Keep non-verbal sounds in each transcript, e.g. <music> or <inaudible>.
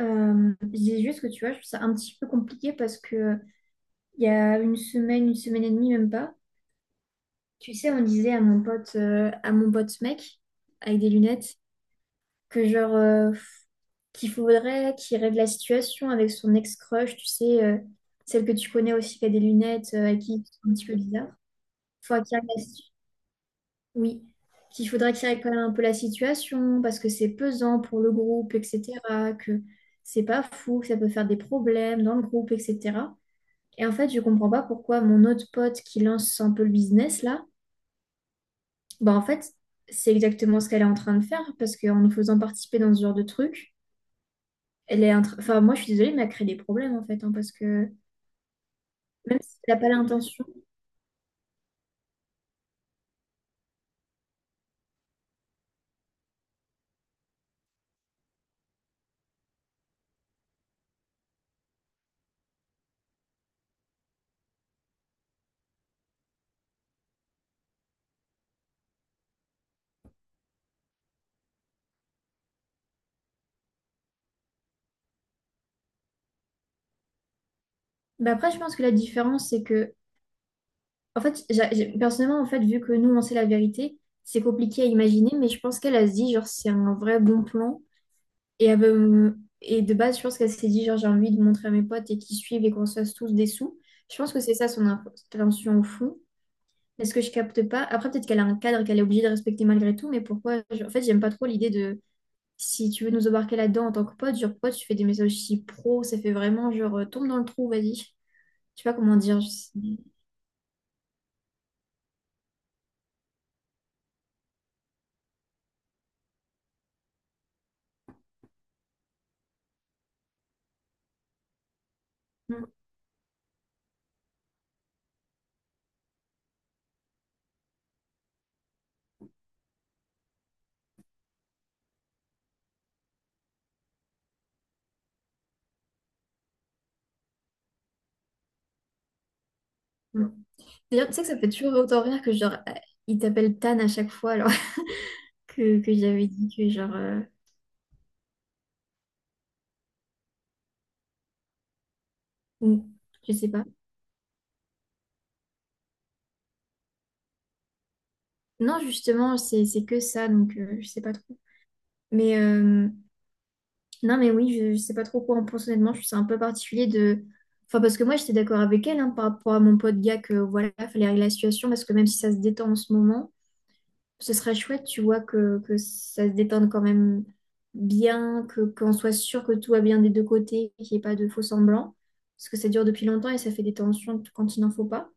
Je dis juste que tu vois, je trouve ça un petit peu compliqué parce que il y a une semaine et demie, même pas, tu sais, on disait à mon pote mec, avec des lunettes, que genre, qu'il faudrait qu'il règle la situation avec son ex-crush, tu sais, celle que tu connais aussi qui a des lunettes, avec qui c'est un petit peu bizarre. Faut qu'il règle la situ- Oui, qu'il faudrait qu'il règle quand même un peu la situation parce que c'est pesant pour le groupe, etc., que c'est pas fou, que ça peut faire des problèmes dans le groupe, etc. Et en fait, je comprends pas pourquoi mon autre pote qui lance un peu le business là, bah en fait, c'est exactement ce qu'elle est en train de faire parce qu'en nous faisant participer dans ce genre de truc, elle est en train- enfin moi je suis désolée mais elle crée des problèmes en fait hein, parce que même si elle n'a pas l'intention. Bah après je pense que la différence c'est que en fait personnellement en fait vu que nous on sait la vérité, c'est compliqué à imaginer mais je pense qu'elle a se dit genre c'est un vrai bon plan. Et, et de base, je pense qu'elle s'est dit, genre, j'ai envie de montrer à mes potes et qu'ils suivent et qu'on se fasse tous des sous. Je pense que c'est ça son intention au fond. Est-ce que je capte pas? Après, peut-être qu'elle a un cadre qu'elle est obligée de respecter malgré tout, mais pourquoi? En fait, j'aime pas trop l'idée de si tu veux nous embarquer là-dedans en tant que pote, genre, pourquoi tu fais des messages si pro? Ça fait vraiment genre, tombe dans le trou, vas-y. Je sais pas comment dire. Mm, mm. D'ailleurs, tu sais que ça fait toujours autant rire que genre, il t'appelle Tan à chaque fois, alors <laughs> que j'avais dit que genre, mm, je sais pas. Non, justement, c'est que ça, donc je sais pas trop. Mais non, mais oui, je sais pas trop quoi en penser honnêtement. Je suis un peu particulier de. Enfin, parce que moi, j'étais d'accord avec elle hein, par rapport à mon pote gars que voilà, fallait régler la situation parce que même si ça se détend en ce moment, ce serait chouette, tu vois, que ça se détende quand même bien, que qu'on soit sûr que tout va bien des deux côtés, qu'il n'y ait pas de faux semblants. Parce que ça dure depuis longtemps et ça fait des tensions quand il n'en faut pas.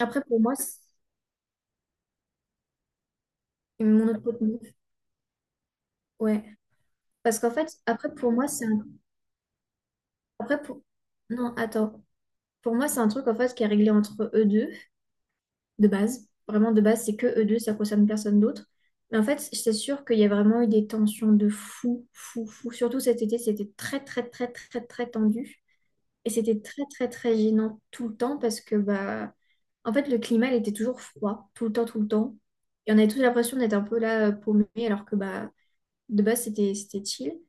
Après, pour moi, c'est- Mon autre pote, ouais. Parce qu'en fait, après, pour moi, c'est un Après, pour... Non, attends. Pour moi, c'est un truc en fait qui est réglé entre eux deux, de base. Vraiment, de base, c'est que eux deux, ça concerne personne d'autre. Mais en fait, c'est sûr qu'il y a vraiment eu des tensions de fou, fou, fou. Surtout cet été, c'était très, très, très, très, très tendu. Et c'était très, très, très gênant tout le temps parce que, bah, en fait, le climat, il était toujours froid, tout le temps, tout le temps. Et on avait tous l'impression d'être un peu là, paumé, alors que, bah, de base, c'était chill.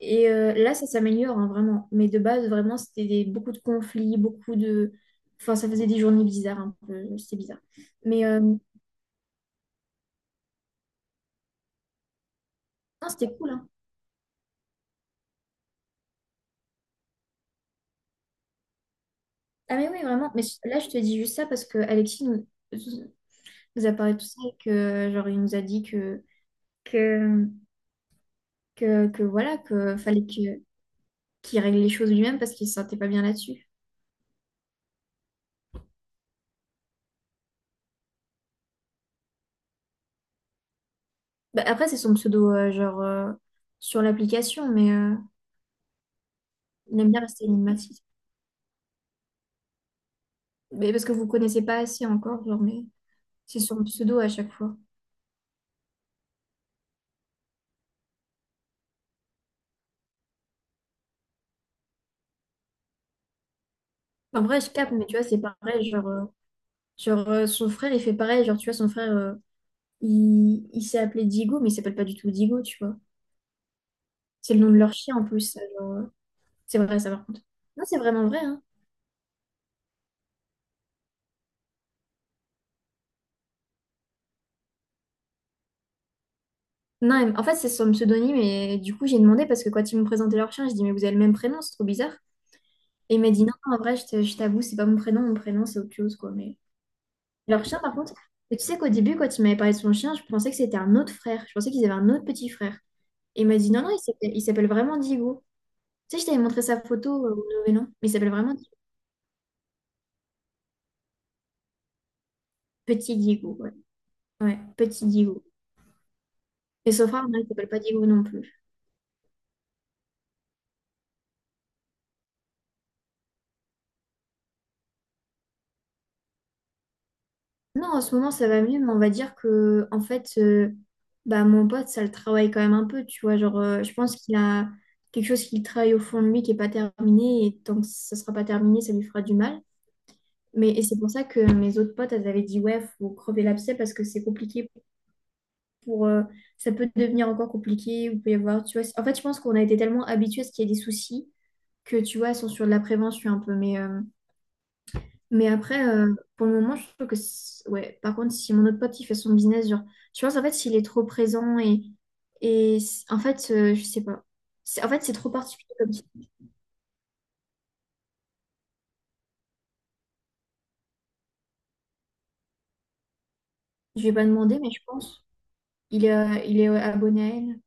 Et là, ça s'améliore, hein, vraiment. Mais de base, vraiment, beaucoup de conflits, beaucoup de... Enfin, ça faisait des journées bizarres, un peu. C'était bizarre. Mais non, c'était cool, hein. Ah mais oui, vraiment. Mais là, je te dis juste ça parce que nous a parlé de tout ça et que, genre, il nous a dit que, que, que voilà, qu'il règle les choses lui-même parce qu'il se sentait pas bien là-dessus. Bah, après, c'est son pseudo, genre, sur l'application, mais il aime bien rester énigmatique. Mais parce que vous connaissez pas assez encore, genre, mais c'est son pseudo à chaque fois. En vrai, je capte, mais tu vois, c'est pareil, genre, son frère, il fait pareil, genre, tu vois, son frère, il s'est appelé Digo, mais il s'appelle pas du tout Digo, tu vois. C'est le nom de leur chien, en plus, ça, genre, c'est vrai, ça, par contre. Non, c'est vraiment vrai, hein. Non, mais- en fait, c'est son pseudonyme, et du coup, j'ai demandé, parce que quand ils me présentaient leur chien, je dis, mais vous avez le même prénom, c'est trop bizarre. Et il m'a dit, non, en vrai, je t'avoue, c'est pas mon prénom, mon prénom, c'est autre chose, quoi, mais... Leur chien, par contre, et tu sais qu'au début, quand il m'avait parlé de son chien, je pensais que c'était un autre frère. Je pensais qu'ils avaient un autre petit frère. Et il m'a dit non, non, il s'appelle vraiment Diego. Tu sais, je t'avais montré sa photo au Nouvel An, mais il s'appelle vraiment Di- Petit Diego. Ouais, ouais, Petit Diego. Et son frère, non, il s'appelle pas Diego non plus. Non, en ce moment, ça va mieux, mais on va dire que, en fait, bah, mon pote, ça le travaille quand même un peu, tu vois. Genre, je pense qu'il a quelque chose qu'il travaille au fond de lui qui est pas terminé, et tant que ça sera pas terminé, ça lui fera du mal. Mais et c'est pour ça que mes autres potes, elles avaient dit, ouais, faut crever l'abcès parce que c'est compliqué pour... euh, ça peut devenir encore compliqué, vous pouvez voir, tu vois. En fait, je pense qu'on a été tellement habitués à ce qu'il y ait des soucis que, tu vois, elles sont sur de la prévention un peu. Mais après, pour le moment, je trouve que... c'est- Ouais, par contre, si mon autre pote, il fait son business, genre, je pense, en fait, s'il est trop présent et... Et en fait, je sais pas. En fait, c'est trop particulier comme si. Je vais pas demander, mais je pense. Il est abonné à elle.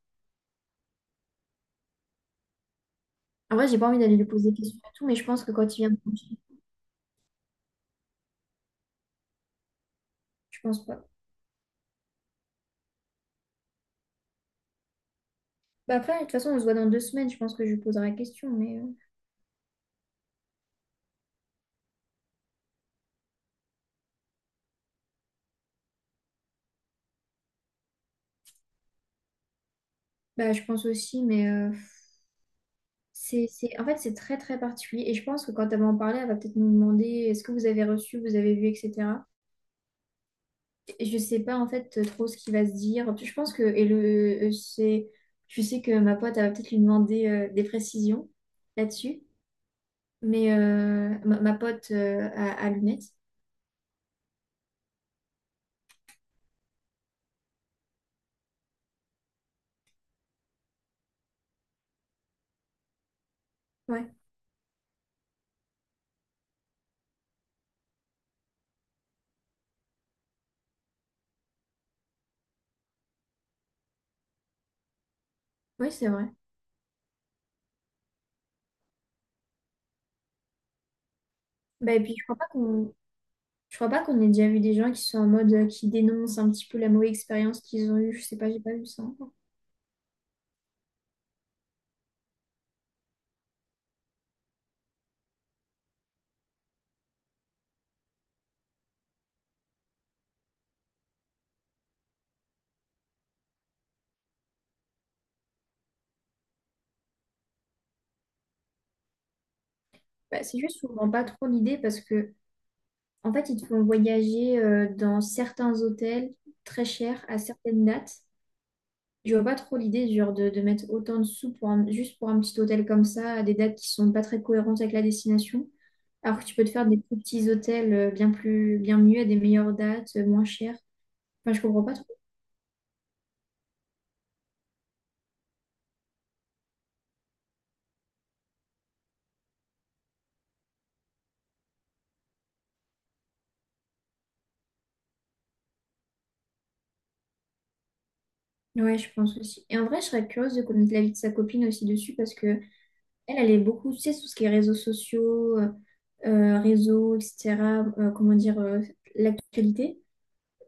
En vrai, j'ai pas envie d'aller lui poser des questions et tout, mais je pense que quand il vient me confier, je pense pas. Bah après, de toute façon, on se voit dans deux semaines, je pense que je lui poserai la question, mais bah je pense aussi, mais en fait, c'est très très particulier. Et je pense que quand elle va en parler, elle va peut-être nous demander est-ce que vous avez reçu, vous avez vu, etc. Et je sais pas en fait trop ce qu'il va se dire. Je pense que, et le, c'est, je sais que ma pote, elle va peut-être lui demander des précisions là-dessus, mais ma pote à lunettes. Ouais, oui, c'est vrai. Bah, et puis, je crois pas qu'on Je crois pas qu'on ait déjà vu des gens qui sont en mode qui dénoncent un petit peu la mauvaise expérience qu'ils ont eue. Je sais pas, j'ai pas vu ça encore. Bah, c'est juste qu'on vend pas trop l'idée parce que en fait ils te font voyager dans certains hôtels très chers à certaines dates. Je vois pas trop l'idée genre de mettre autant de sous juste pour un petit hôtel comme ça à des dates qui sont pas très cohérentes avec la destination. Alors que tu peux te faire des plus petits hôtels bien plus bien mieux à des meilleures dates, moins chères. Enfin, je comprends pas trop. Ouais, je pense aussi. Et en vrai, je serais curieuse de connaître l'avis de sa copine aussi dessus parce que elle, elle est beaucoup, tu sais, tout ce qui est réseaux sociaux, réseaux, etc. euh, comment dire, euh, l'actualité.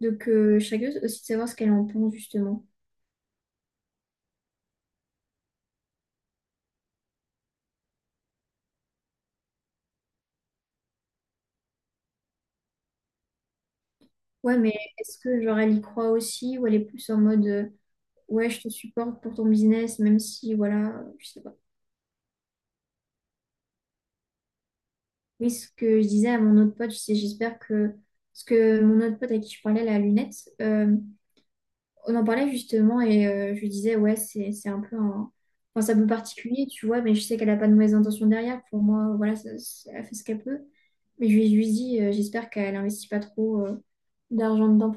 Donc, je serais curieuse aussi de savoir ce qu'elle en pense, justement. Ouais, mais est-ce que, genre, elle y croit aussi ou elle est plus en mode, ouais, je te supporte pour ton business, même si, voilà, je sais pas. Oui, ce que je disais à mon autre pote, je sais, j'espère que... Parce que mon autre pote avec qui je parlais, la lunette, on en parlait justement et je lui disais, ouais, c'est un peu un... Enfin, c'est un peu particulier, tu vois, mais je sais qu'elle n'a pas de mauvaises intentions derrière. Pour moi, voilà, elle fait ce qu'elle peut. Mais je lui dis, j'espère qu'elle n'investit pas trop d'argent dedans